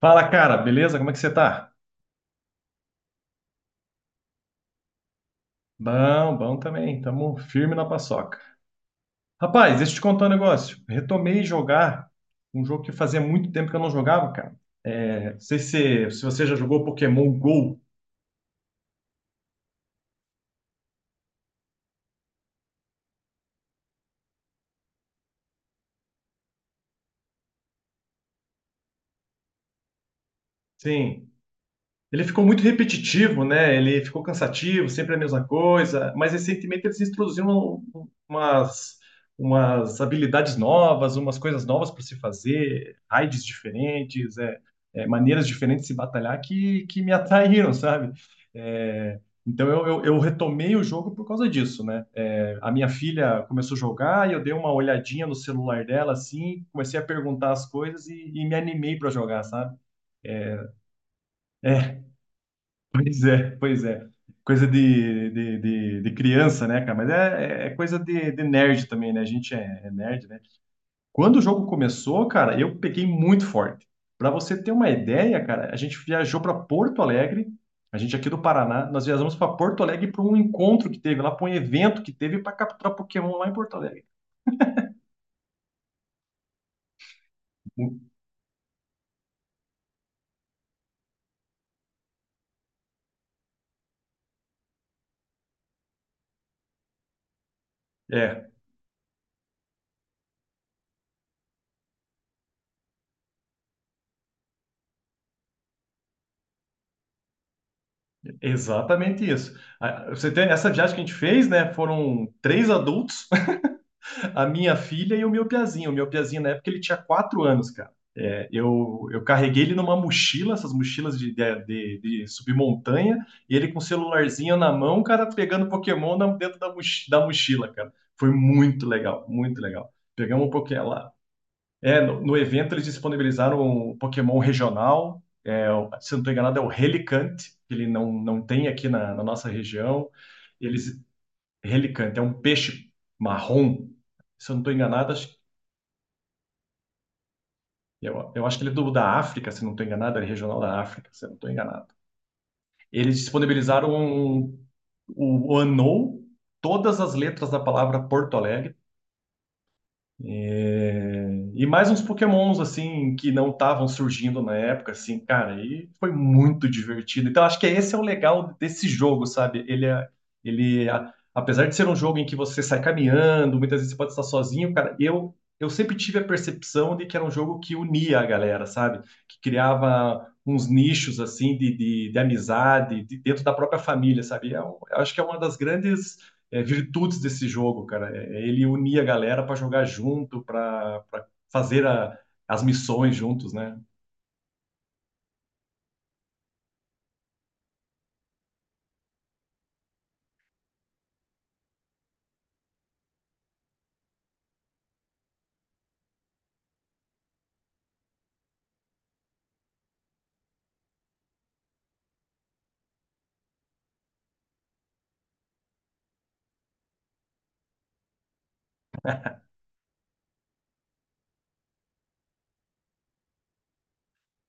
Fala, cara, beleza? Como é que você tá? Bom, bom também. Tamo firme na paçoca. Rapaz, deixa eu te contar um negócio. Retomei jogar um jogo que fazia muito tempo que eu não jogava, cara. É, não sei se você já jogou Pokémon Go. Sim. Ele ficou muito repetitivo, né? Ele ficou cansativo, sempre a mesma coisa. Mas recentemente eles introduziram um- umas, umas habilidades novas, umas coisas novas para se fazer, raids diferentes, maneiras diferentes de se batalhar que me atraíram, sabe? É, então eu retomei o jogo por causa disso, né? A minha filha começou a jogar e eu dei uma olhadinha no celular dela, assim, comecei a perguntar as coisas e me animei para jogar, sabe? É, é Pois é, pois é. Coisa de criança, né, cara? Mas é coisa de nerd também, né? A gente é nerd, né? Quando o jogo começou, cara, eu peguei muito forte. Pra você ter uma ideia, cara, a gente viajou pra Porto Alegre, a gente aqui do Paraná, nós viajamos pra Porto Alegre pra um encontro que teve lá, pra um evento que teve pra capturar Pokémon lá em Porto Alegre. É, exatamente isso. Ah, você tem essa viagem que a gente fez, né? Foram três adultos, a minha filha e o meu piazinho. O meu piazinho, na época, ele tinha 4 anos, cara. Eu carreguei ele numa mochila, essas mochilas de subir montanha, e ele com o celularzinho na mão, cara, pegando Pokémon dentro da mochila, cara. Foi muito legal, muito legal. Pegamos um Pokémon lá. No evento eles disponibilizaram um Pokémon regional, se eu não estou enganado, é o Relicante, que ele não tem aqui na nossa região. Eles Relicante, é um peixe marrom. Se eu não estou enganado, acho, eu acho que ele é da África, se eu não estou enganado, ele é regional da África, se eu não estou enganado. Eles disponibilizaram o ANOU, todas as letras da palavra Porto Alegre. É, E mais uns Pokémons, assim, que não estavam surgindo na época, assim, cara, e foi muito divertido. Então, acho que esse é o legal desse jogo, sabe? Ele é, ele, a- Apesar de ser um jogo em que você sai caminhando, muitas vezes você pode estar sozinho, cara, eu sempre tive a percepção de que era um jogo que unia a galera, sabe? Que criava uns nichos, assim, de amizade, dentro da própria família, sabe? Eu acho que é uma das grandes virtudes desse jogo, cara. Ele unia a galera para jogar junto, para fazer as missões juntos, né?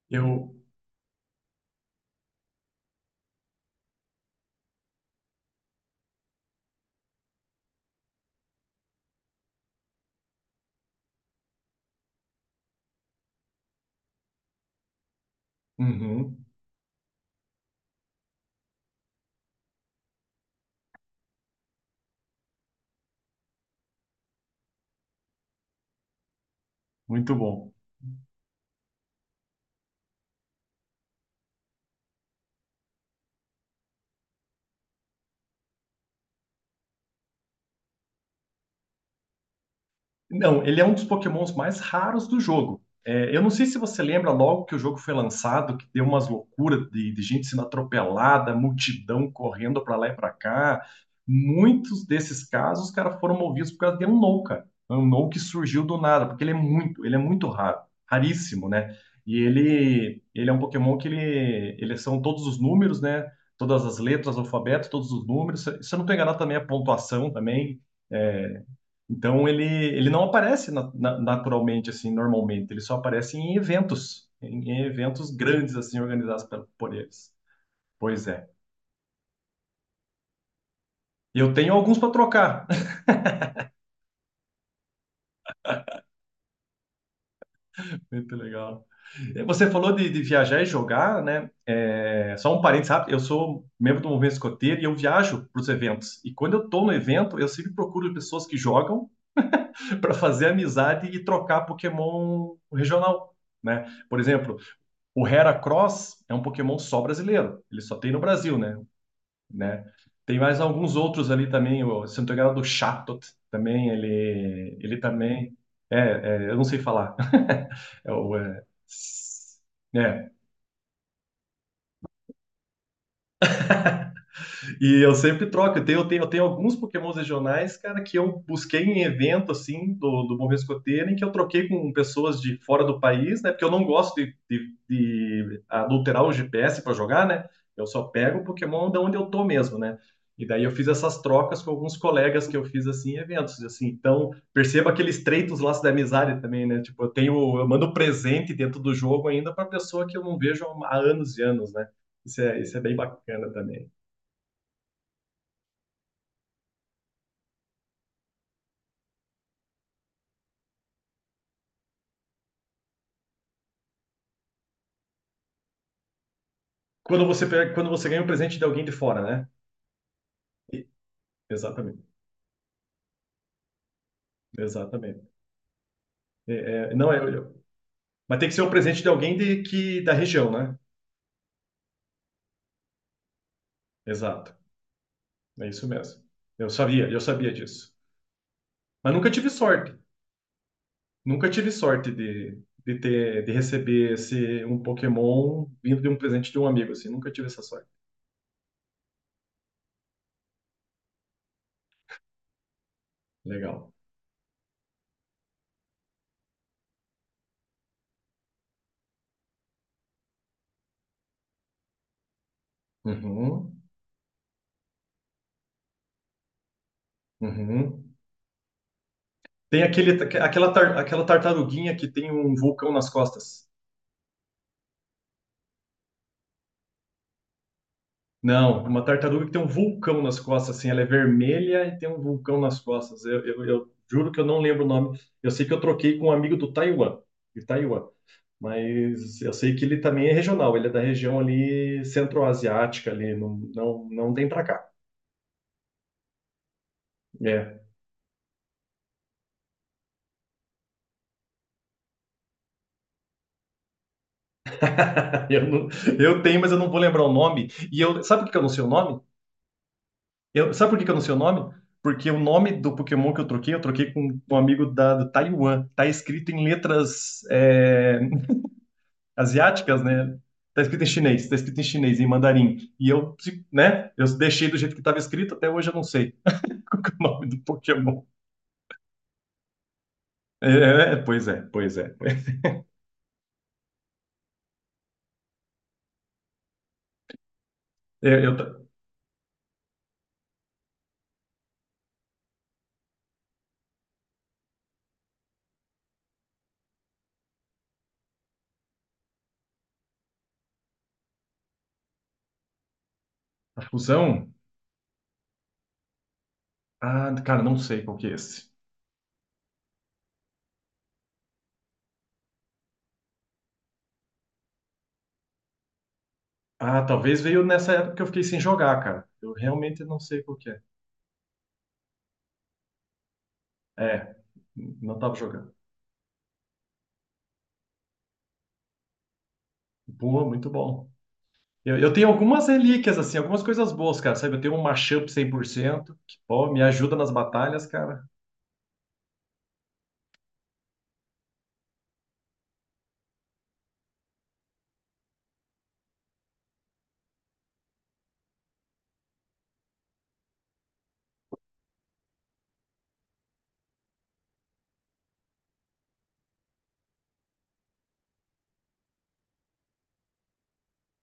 Eu. Uhum, muito bom. Não, ele é um dos Pokémons mais raros do jogo. Eu não sei se você lembra logo que o jogo foi lançado, que deu umas loucuras de gente sendo atropelada, multidão correndo para lá e para cá. Muitos desses casos, os caras foram movidos por causa de um no, cara. Um no que surgiu do nada, porque ele é muito raro, raríssimo, né? E ele é um Pokémon que ele são todos os números, né? Todas as letras, alfabeto, todos os números. Se eu não estou enganado, também a pontuação também. É, então ele não aparece naturalmente assim, normalmente, ele só aparece em eventos, em eventos grandes assim organizados por eles. Pois é. E eu tenho alguns para trocar. Muito legal. Você falou de viajar e jogar, né? Só um parênteses rápido, eu sou membro do movimento escoteiro e eu viajo para os eventos. E quando eu estou no evento, eu sempre procuro pessoas que jogam para fazer amizade e trocar Pokémon regional, né? Por exemplo, o Heracross é um Pokémon só brasileiro. Ele só tem no Brasil, né? Né? Tem mais alguns outros ali também. Se eu não tô enganado, o Chatot também. Ele também. É, eu não sei falar. É, o, é, é, E eu sempre troco. Eu tenho alguns Pokémons regionais, cara, que eu busquei em evento, assim, do Bom Escoteiro, em que eu troquei com pessoas de fora do país, né? Porque eu não gosto de adulterar o GPS para jogar, né? Eu só pego o Pokémon de onde eu tô mesmo, né? E daí eu fiz essas trocas com alguns colegas que eu fiz, assim, em eventos, assim. Então, perceba aquele estreitos laços da amizade também, né? Tipo, eu mando presente dentro do jogo ainda para pessoa que eu não vejo há anos e anos, né? Isso é bem bacana também. Quando você pega, quando você ganha um presente de alguém de fora, né? E- Exatamente, exatamente. É, não é, mas tem que ser um presente de alguém que da região, né? Exato, é isso mesmo. Eu sabia disso. Mas nunca tive sorte de receber esse um Pokémon vindo de um presente de um amigo, assim. Nunca tive essa sorte. Legal. Uhum, uhum. Tem aquele, aquela tartaruguinha que tem um vulcão nas costas. Não, uma tartaruga que tem um vulcão nas costas, assim, ela é vermelha e tem um vulcão nas costas. Eu juro que eu não lembro o nome. Eu sei que eu troquei com um amigo de Taiwan, mas eu sei que ele também é regional, ele é da região ali centro-asiática, ali, não, não, não tem pra cá. É. Eu, não- eu tenho, mas eu não vou lembrar o nome. Sabe por que eu não sei o nome? Sabe por que que eu não sei o nome? Porque o nome do Pokémon que eu troquei com um amigo do Taiwan. Tá escrito em letras, asiáticas, né? Tá escrito em chinês, tá escrito em chinês, em mandarim. E eu, né? Eu deixei do jeito que estava escrito, até hoje eu não sei qual que é o nome do Pokémon. Pois é, pois é. É, eu ta- a fusão? Ah, cara, não sei qual que é esse. Ah, talvez veio nessa época que eu fiquei sem jogar, cara. Eu realmente não sei qual que é. É, não tava jogando. Boa, muito bom. Eu tenho algumas relíquias, assim, algumas coisas boas, cara, sabe? Eu tenho um mashup 100%, que, pô, me ajuda nas batalhas, cara.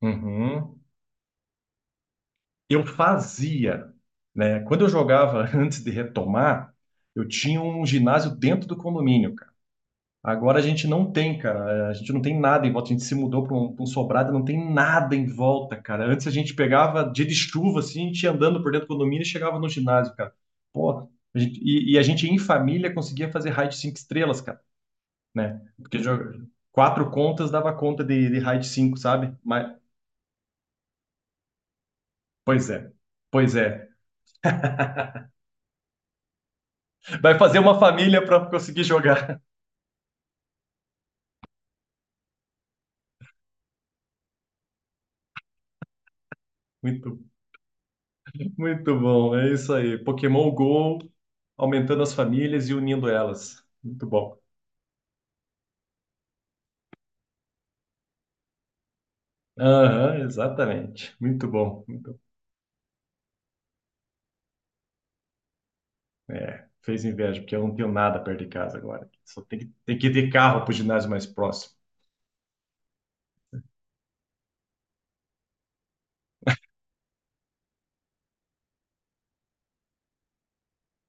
Uhum. Eu fazia, né? Quando eu jogava antes de retomar, eu tinha um ginásio dentro do condomínio, cara. Agora a gente não tem, cara. A gente não tem nada em volta. A gente se mudou para um, pra um sobrado, não tem nada em volta, cara. Antes a gente pegava dia de chuva, assim, a gente ia andando por dentro do condomínio e chegava no ginásio, cara. Pô, e a gente em família conseguia fazer raid 5 estrelas, cara, né? Porque quatro contas dava conta de raid 5, sabe? Mas, pois é, pois é. Vai fazer uma família para conseguir jogar. Muito, muito bom, é isso aí. Pokémon Go aumentando as famílias e unindo elas. Muito bom. Aham, exatamente. Muito bom. Muito... Fez inveja, porque eu não tenho nada perto de casa agora. Só tem que ir carro para o ginásio mais próximo.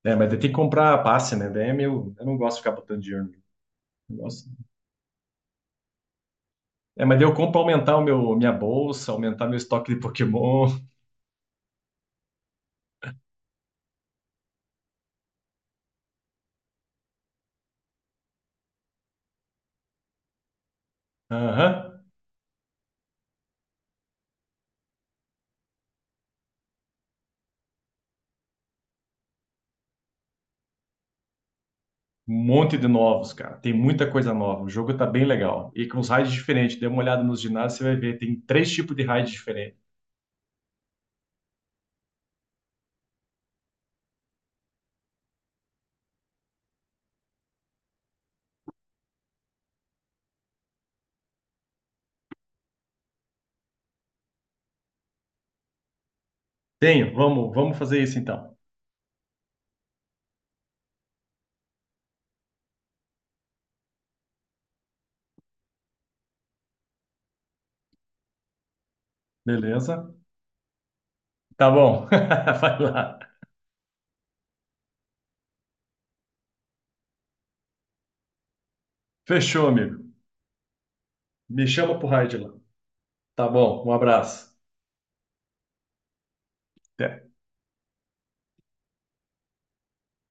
Mas daí tem que comprar passe, né? Daí é meu, eu não gosto de ficar botando dinheiro. Eu gosto- mas daí eu compro para aumentar minha bolsa, aumentar meu estoque de Pokémon. Aham. Um monte de novos, cara. Tem muita coisa nova. O jogo tá bem legal. E com os raids diferentes. Dê uma olhada nos ginásios, você vai ver. Tem três tipos de raid diferentes. Tenho. Vamos, vamos fazer isso então. Beleza? Tá bom. Vai lá. Fechou, amigo. Me chama pro raid lá. Tá bom. Um abraço. Até.